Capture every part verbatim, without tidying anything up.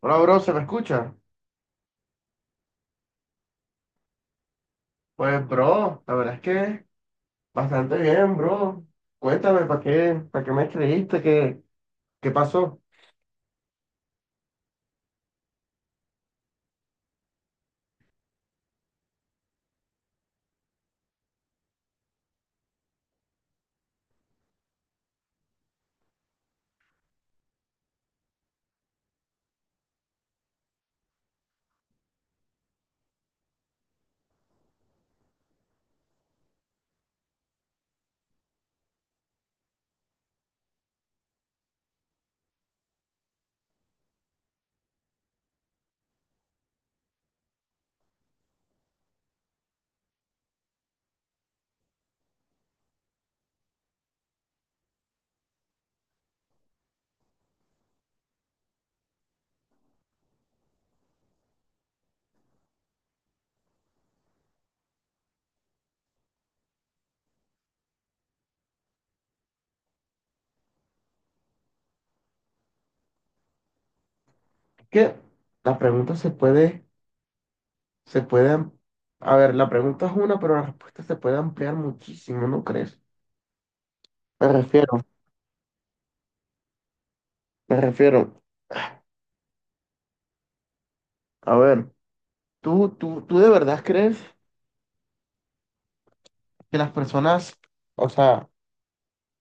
Hola, bro, ¿se me escucha? Pues, bro, la verdad es que bastante bien, bro. Cuéntame, ¿para qué, para qué me escribiste? ¿Qué, qué pasó? Es que la pregunta se puede, se puede, am- a ver, la pregunta es una, pero la respuesta se puede ampliar muchísimo, ¿no crees? Me refiero, me refiero. A ver, ¿tú, tú, tú de verdad crees que las personas, o sea,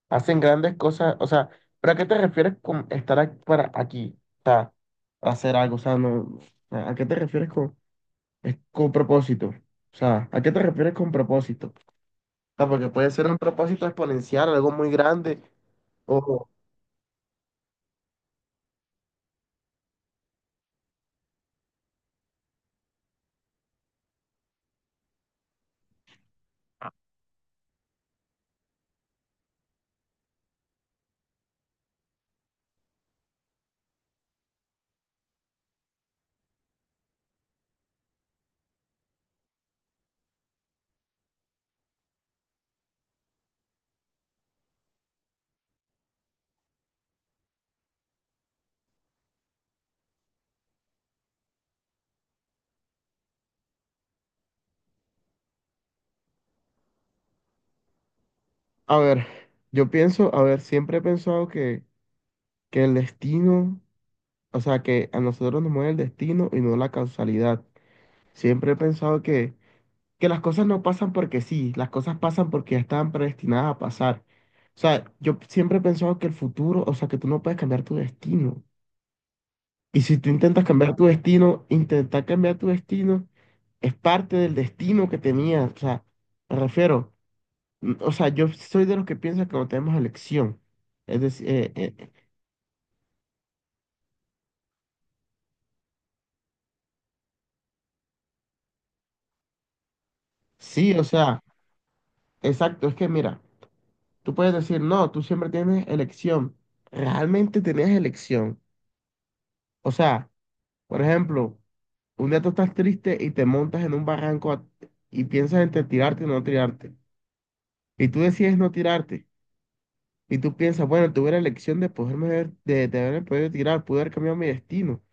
hacen grandes cosas, o sea, ¿pero a qué te refieres con estar ac- para aquí? O sea, hacer algo, o sea, no, ¿a qué te refieres con, es- ¿con propósito? O sea, ¿a qué te refieres con propósito? O sea, porque puede ser un propósito exponencial, algo muy grande, o... A ver, yo pienso, a ver, siempre he pensado que, que el destino, o sea, que a nosotros nos mueve el destino y no la causalidad. Siempre he pensado que que las cosas no pasan porque sí, las cosas pasan porque ya estaban predestinadas a pasar. O sea, yo siempre he pensado que el futuro, o sea, que tú no puedes cambiar tu destino. Y si tú intentas cambiar tu destino, intentar cambiar tu destino es parte del destino que tenías. O sea, me refiero, mm, o sea, yo soy de los que piensan que no tenemos elección. Es decir, eh, eh, sí, o sea, exacto, es que mira, tú puedes decir, no, tú siempre tienes elección. Realmente tenías elección. O sea, por ejemplo, un día tú estás triste y te montas en un barranco a- y piensas entre tirarte o no tirarte. Y tú decides no tirarte. Y tú piensas, bueno, tuve la elección de poderme haber- de, de haberme podido tirar, pude haber cambiado mi destino.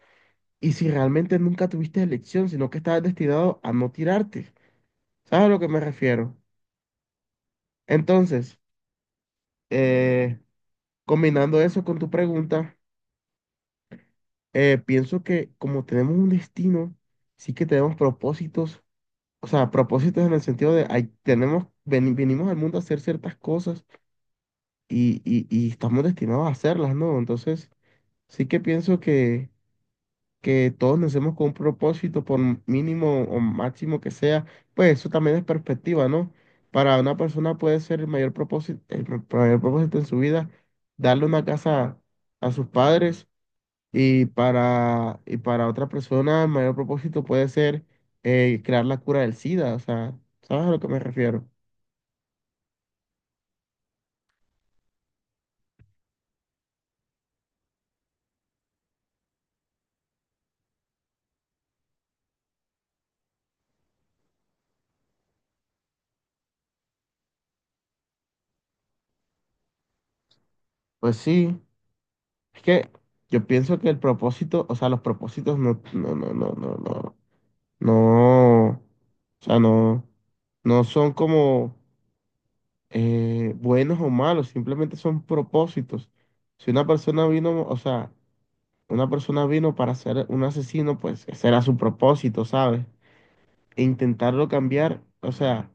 Y si realmente nunca tuviste elección, sino que estabas destinado a no tirarte. ¿Sabes a lo que me refiero? Entonces, eh, combinando eso con tu pregunta, eh, pienso que como tenemos un destino, sí que tenemos propósitos. O sea, propósitos en el sentido de hay, tenemos, veni- venimos al mundo a hacer ciertas cosas y, y, y estamos destinados a hacerlas, ¿no? Entonces, sí que pienso que, que todos nacemos con un propósito, por m- mínimo o máximo que sea, pues eso también es perspectiva, ¿no? Para una persona puede ser el mayor propósito, el ma- mayor propósito en su vida, darle una casa a sus padres y para, y para otra persona, el mayor propósito puede ser eh, crear la cura del SIDA. O sea, ¿sabes a lo que me refiero? Pues sí, es que yo pienso que el propósito, o sea, los propósitos no, no, no, no, no, no, no, o sea, no, no son como eh, buenos o malos, simplemente son propósitos. Si una persona vino, o sea, una persona vino para ser un asesino, pues ese era su propósito, ¿sabes? E intentarlo cambiar, o sea.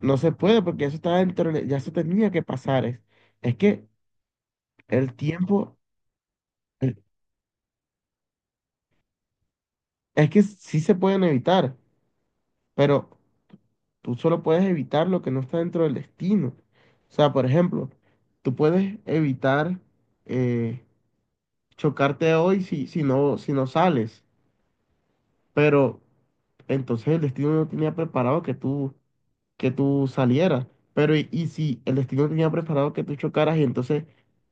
No se puede porque eso está dentro, de- ya se tenía que pasar. Es, es que el tiempo, el- es que sí se pueden evitar, pero tú solo puedes evitar lo que no está dentro del destino. O sea, por ejemplo, tú puedes evitar eh, chocarte hoy si, si no, si no sales, pero entonces el destino no tenía preparado que tú que tú salieras. Pero y, y si el destino tenía preparado que tú chocaras y entonces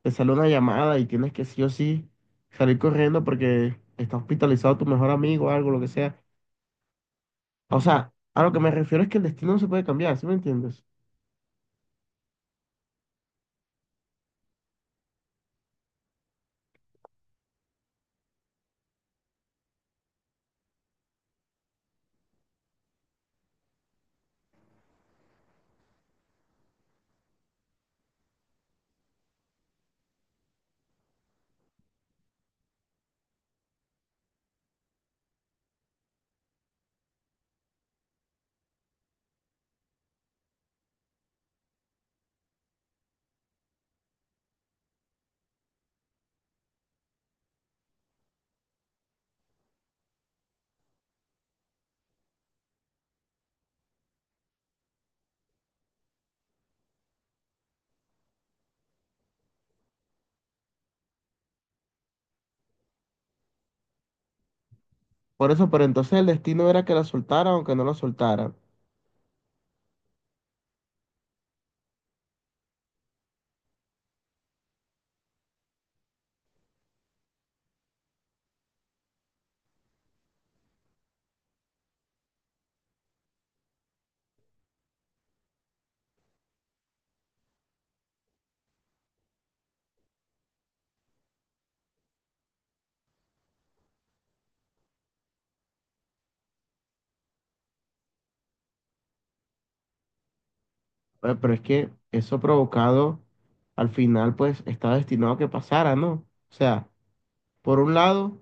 te sale una llamada y tienes que sí o sí salir corriendo porque está hospitalizado tu mejor amigo o algo, lo que sea. O sea, a lo que me refiero es que el destino no se puede cambiar, ¿sí me entiendes? Por eso, pero entonces el destino era que la soltaran o que no la soltaran. Eh, Pero es que eso provocado al final pues está destinado a que pasara, ¿no? O sea, por un lado,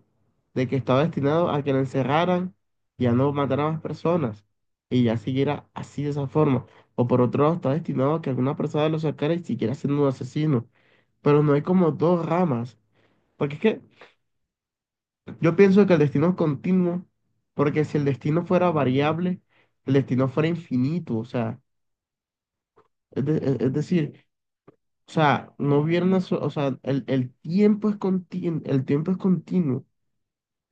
de que estaba destinado a que lo encerraran y a no matar a más personas y ya siguiera así de esa forma. O por otro lado, está destinado a que alguna persona lo sacara y siguiera siendo un asesino. Pero no hay como dos ramas. Porque es que yo pienso que el destino es continuo, porque si el destino fuera variable, el destino fuera infinito. O sea, es, de- es- es decir, o sea, no hubiera una so- o sea, el, el tiempo es contin- el tiempo es continuo.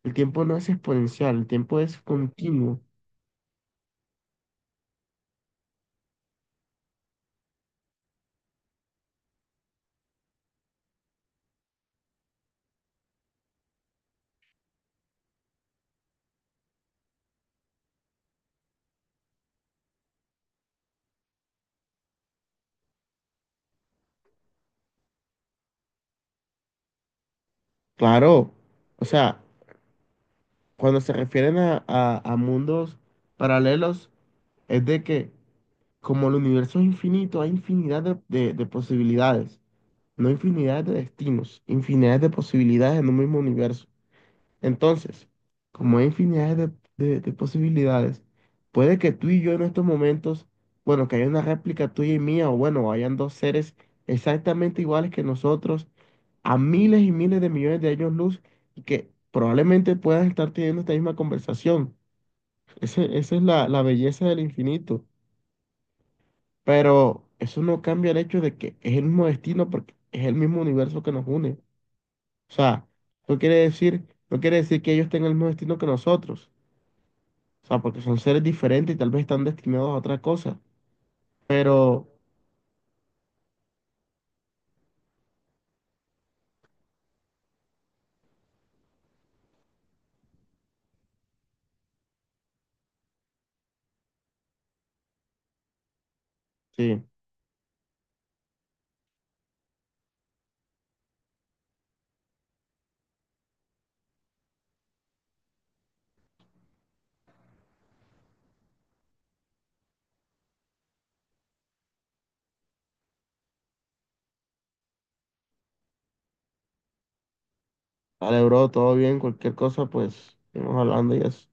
El tiempo no es exponencial, el tiempo es continuo. Claro, o sea, cuando se refieren a, a- a mundos paralelos, es de que como el universo es infinito, hay infinidad de, de de posibilidades, no infinidad de destinos, infinidad de posibilidades en un mismo universo. Entonces, como hay infinidad de, de- de posibilidades, puede que tú y yo en estos momentos, bueno, que haya una réplica tuya y mía, o bueno, hayan dos seres exactamente iguales que nosotros, a miles y miles de millones de años luz, y que probablemente puedan estar teniendo esta misma conversación. Ese- esa es la, la belleza del infinito. Pero eso no cambia el hecho de que es el mismo destino porque es el mismo universo que nos une. O sea, no quiere decir, no quiere decir que ellos tengan el mismo destino que nosotros. O sea, porque son seres diferentes y tal vez están destinados a otra cosa. Pero sí, vale, bro, todo bien, cualquier cosa, pues, seguimos hablando y eso.